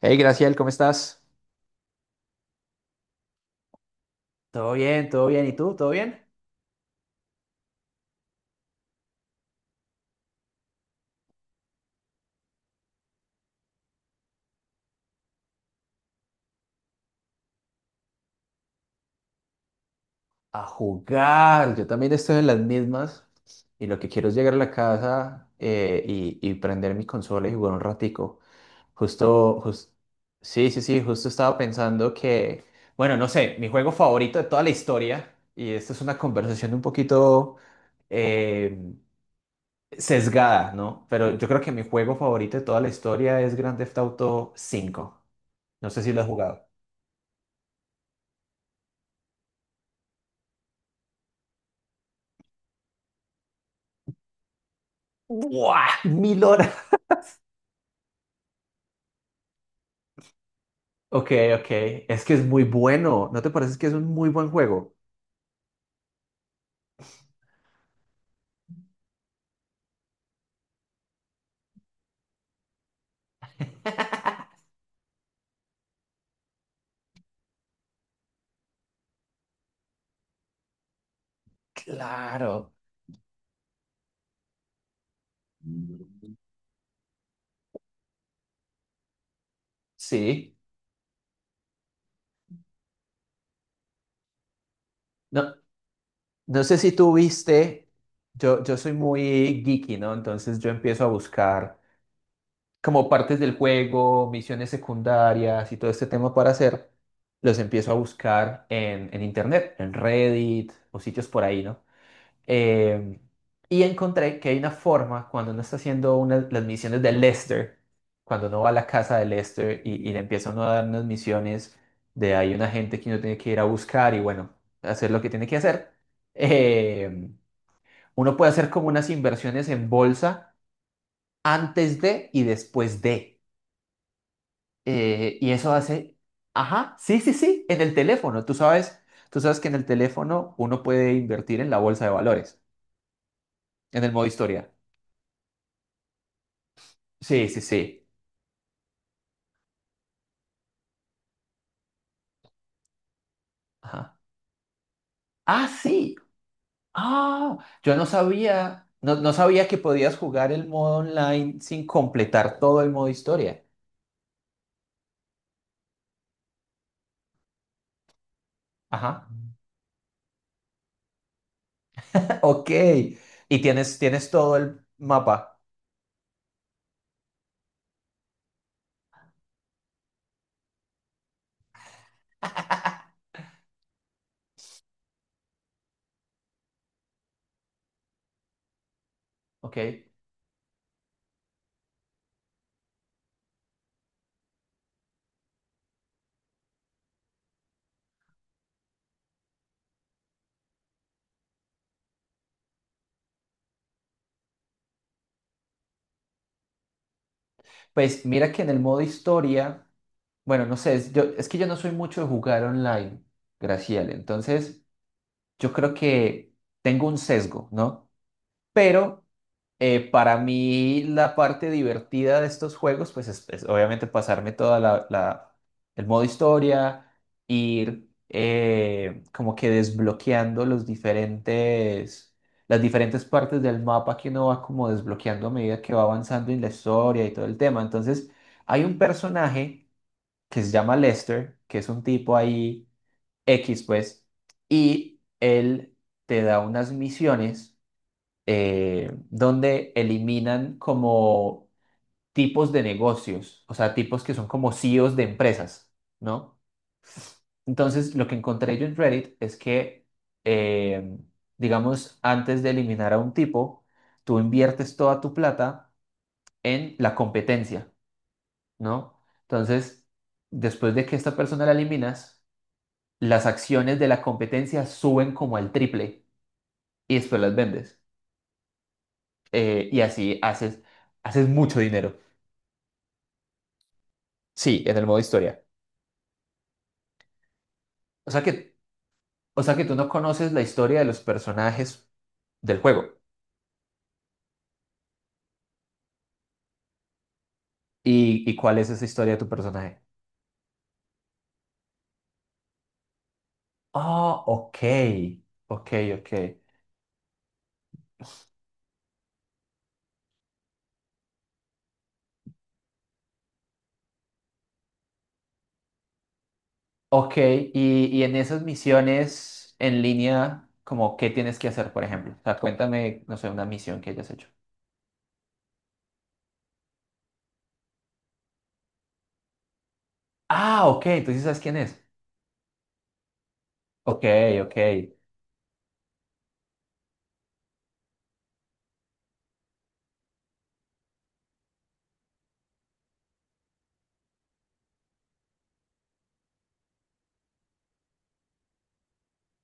Hey, Graciel, ¿cómo estás? Todo bien, todo bien. ¿Y tú? ¿Todo bien? A jugar. Yo también estoy en las mismas y lo que quiero es llegar a la casa y prender mi consola y jugar un ratico. Justo, jus- sí, sí, sí, justo estaba pensando que bueno, no sé, mi juego favorito de toda la historia, y esto es una conversación un poquito eh, sesgada, ¿no? Pero yo creo que mi juego favorito de toda la historia es Grand Theft Auto 5. No sé si lo has jugado. ¡Buah! 1.000 horas. Ok, ok. Es que es muy bueno. ¿No te parece que es un muy buen juego? Claro. Sí. No, no sé si tú viste. Yo soy muy geeky, ¿no? Entonces yo empiezo a buscar como partes del juego, misiones secundarias y todo este tema para hacer. Los empiezo a buscar en internet, en Reddit o sitios por ahí, ¿no? Eh, y encontré que hay una forma cuando uno está haciendo las misiones de Lester, cuando uno va a la casa de Lester y le empieza uno a dar unas misiones de hay una gente que uno tiene que ir a buscar y bueno, hacer lo que tiene que hacer. eh, Uno puede hacer como unas inversiones en bolsa antes de y después de. Y eso hace, ajá, sí, sí, sí, en el teléfono. Tú sabes que en el teléfono uno puede invertir en la bolsa de valores, en el modo historia. Sí, sí, sí. Ajá. Ah, sí. Ah, yo no sabía que podías jugar el modo online sin completar todo el modo historia. Ajá. Ok. Y tienes todo el mapa. Ok. Pues mira que en el modo historia, bueno, no sé, es que yo no soy mucho de jugar online, Graciela. Entonces, yo creo que tengo un sesgo, ¿no? Pero para mí la parte divertida de estos juegos, pues es obviamente pasarme toda el modo historia, ir como que desbloqueando las diferentes partes del mapa que uno va como desbloqueando a medida que va avanzando en la historia y todo el tema. Entonces, hay un personaje que se llama Lester, que es un tipo ahí X, pues, y él te da unas misiones donde eliminan como tipos de negocios, o sea, tipos que son como CEOs de empresas, ¿no? Entonces, lo que encontré yo en Reddit es que eh, digamos, antes de eliminar a un tipo, tú inviertes toda tu plata en la competencia, ¿no? Entonces, después de que esta persona la eliminas, las acciones de la competencia suben como al triple y después las vendes. Y así haces mucho dinero. Sí, en el modo historia. O sea que, o sea que tú no conoces la historia de los personajes del juego. ¿Y cuál es esa historia de tu personaje? Ah, ok. Ok, ok. Ok, y en esas misiones en línea, como qué tienes que hacer, por ejemplo. O sea, cuéntame, no sé, una misión que hayas hecho. Ah, ok, entonces sabes quién es. Ok, ok,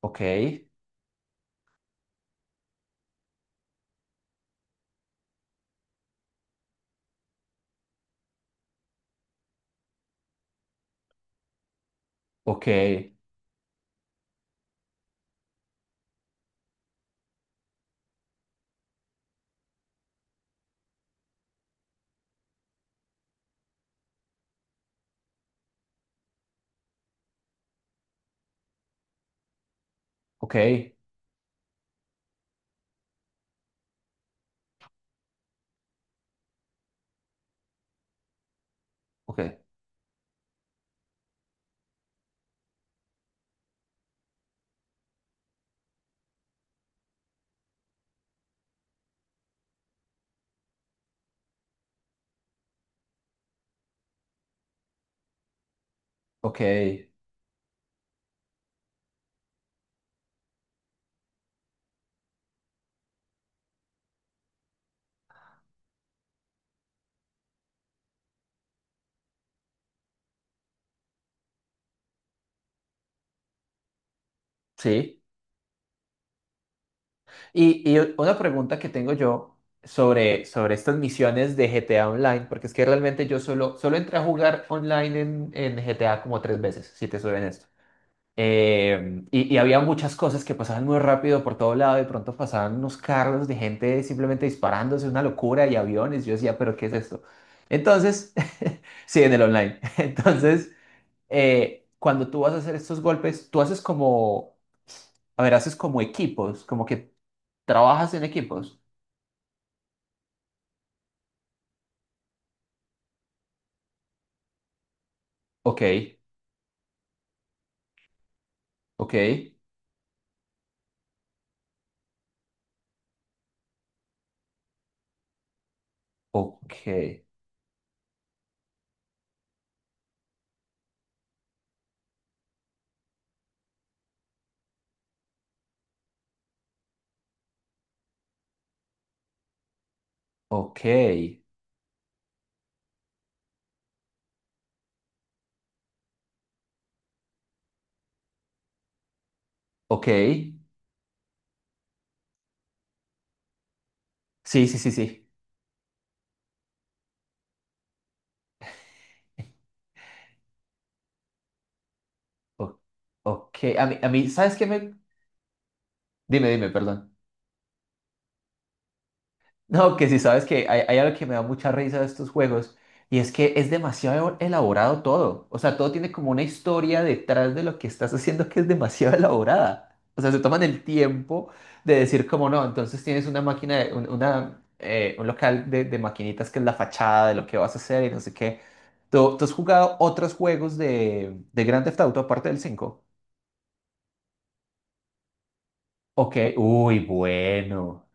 ok, ok, ok, ok, ok. Sí. Y una pregunta que tengo yo sobre estas misiones de GTA Online, porque es que realmente yo solo entré a jugar online en GTA como tres veces, si te soy honesto. Y había muchas cosas que pasaban muy rápido por todo lado, de pronto pasaban unos carros de gente simplemente disparándose, una locura, y aviones, yo decía, pero ¿qué es esto? Entonces, sí, en el online. Entonces, cuando tú vas a hacer estos golpes, tú haces como... A ver, haces como equipos, como que ¿Trabajas en equipos? Ok, ok, ok, ok, ok. Sí, sí, sí, sí. O- ok, a mí, ¿sabes qué me...? Dime, dime, perdón. No, que si sabes que hay algo que me da mucha risa de estos juegos y es que es demasiado elaborado todo. O sea, todo tiene como una historia detrás de lo que estás haciendo que es demasiado elaborada. O sea, se toman el tiempo de decir como no, entonces tienes una máquina, un local de maquinitas que es la fachada de lo que vas a hacer y no sé qué. ¿Tú has jugado otros juegos de Grand Theft Auto aparte del 5? Ok, uy, bueno.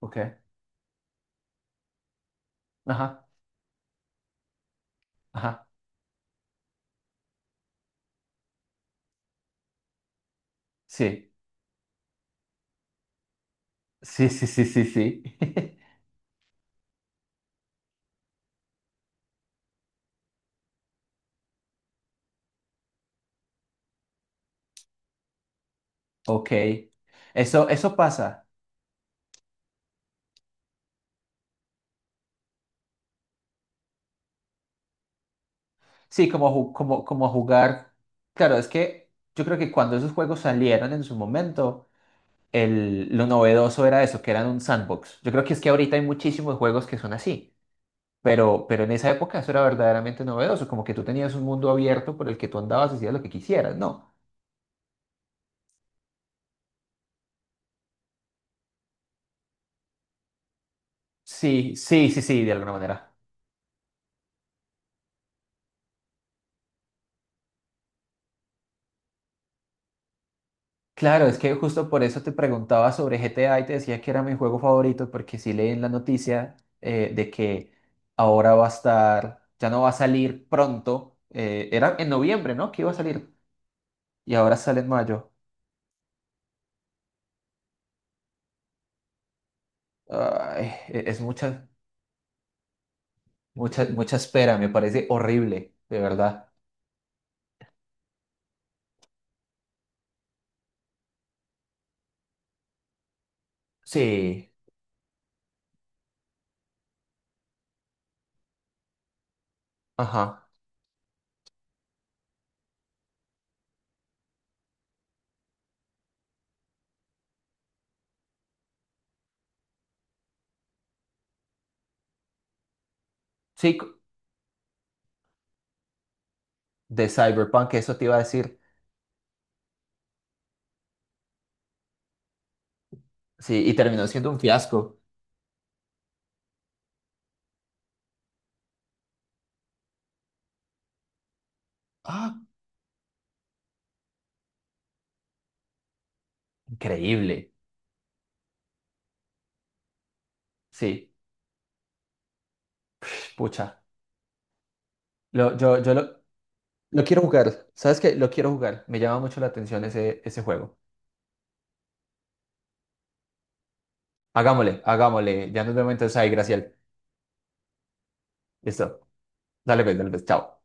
Ok, ajá, ajá, sí, sí, sí, sí, sí, sí. Ok, eso pasa. Sí, como jugar. Claro, es que yo creo que cuando esos juegos salieron en su momento, lo novedoso era eso, que eran un sandbox. Yo creo que es que ahorita hay muchísimos juegos que son así, pero en esa época eso era verdaderamente novedoso, como que tú tenías un mundo abierto por el que tú andabas y hacías lo que quisieras, ¿no? Sí, sí, sí, sí, de alguna manera. Claro, es que justo por eso te preguntaba sobre GTA y te decía que era mi juego favorito, porque sí leí en la noticia de que ahora va a estar, ya no va a salir pronto, era en noviembre, ¿no? Que iba a salir, y ahora sale en mayo. Ay, es mucha, mucha, mucha espera, me parece horrible, de verdad. Sí, ajá. Sí, de Cyberpunk, eso te iba a decir. Sí, y terminó siendo un fiasco. Ah, increíble. Sí, pucha. Lo, yo, yo lo, Lo quiero jugar. ¿Sabes qué? Lo quiero jugar. Me llama mucho la atención ese juego. Hagámosle, hagámosle. Ya nos vemos entonces ahí, Graciel. Listo. Dale, pues, dale, pues. Chao.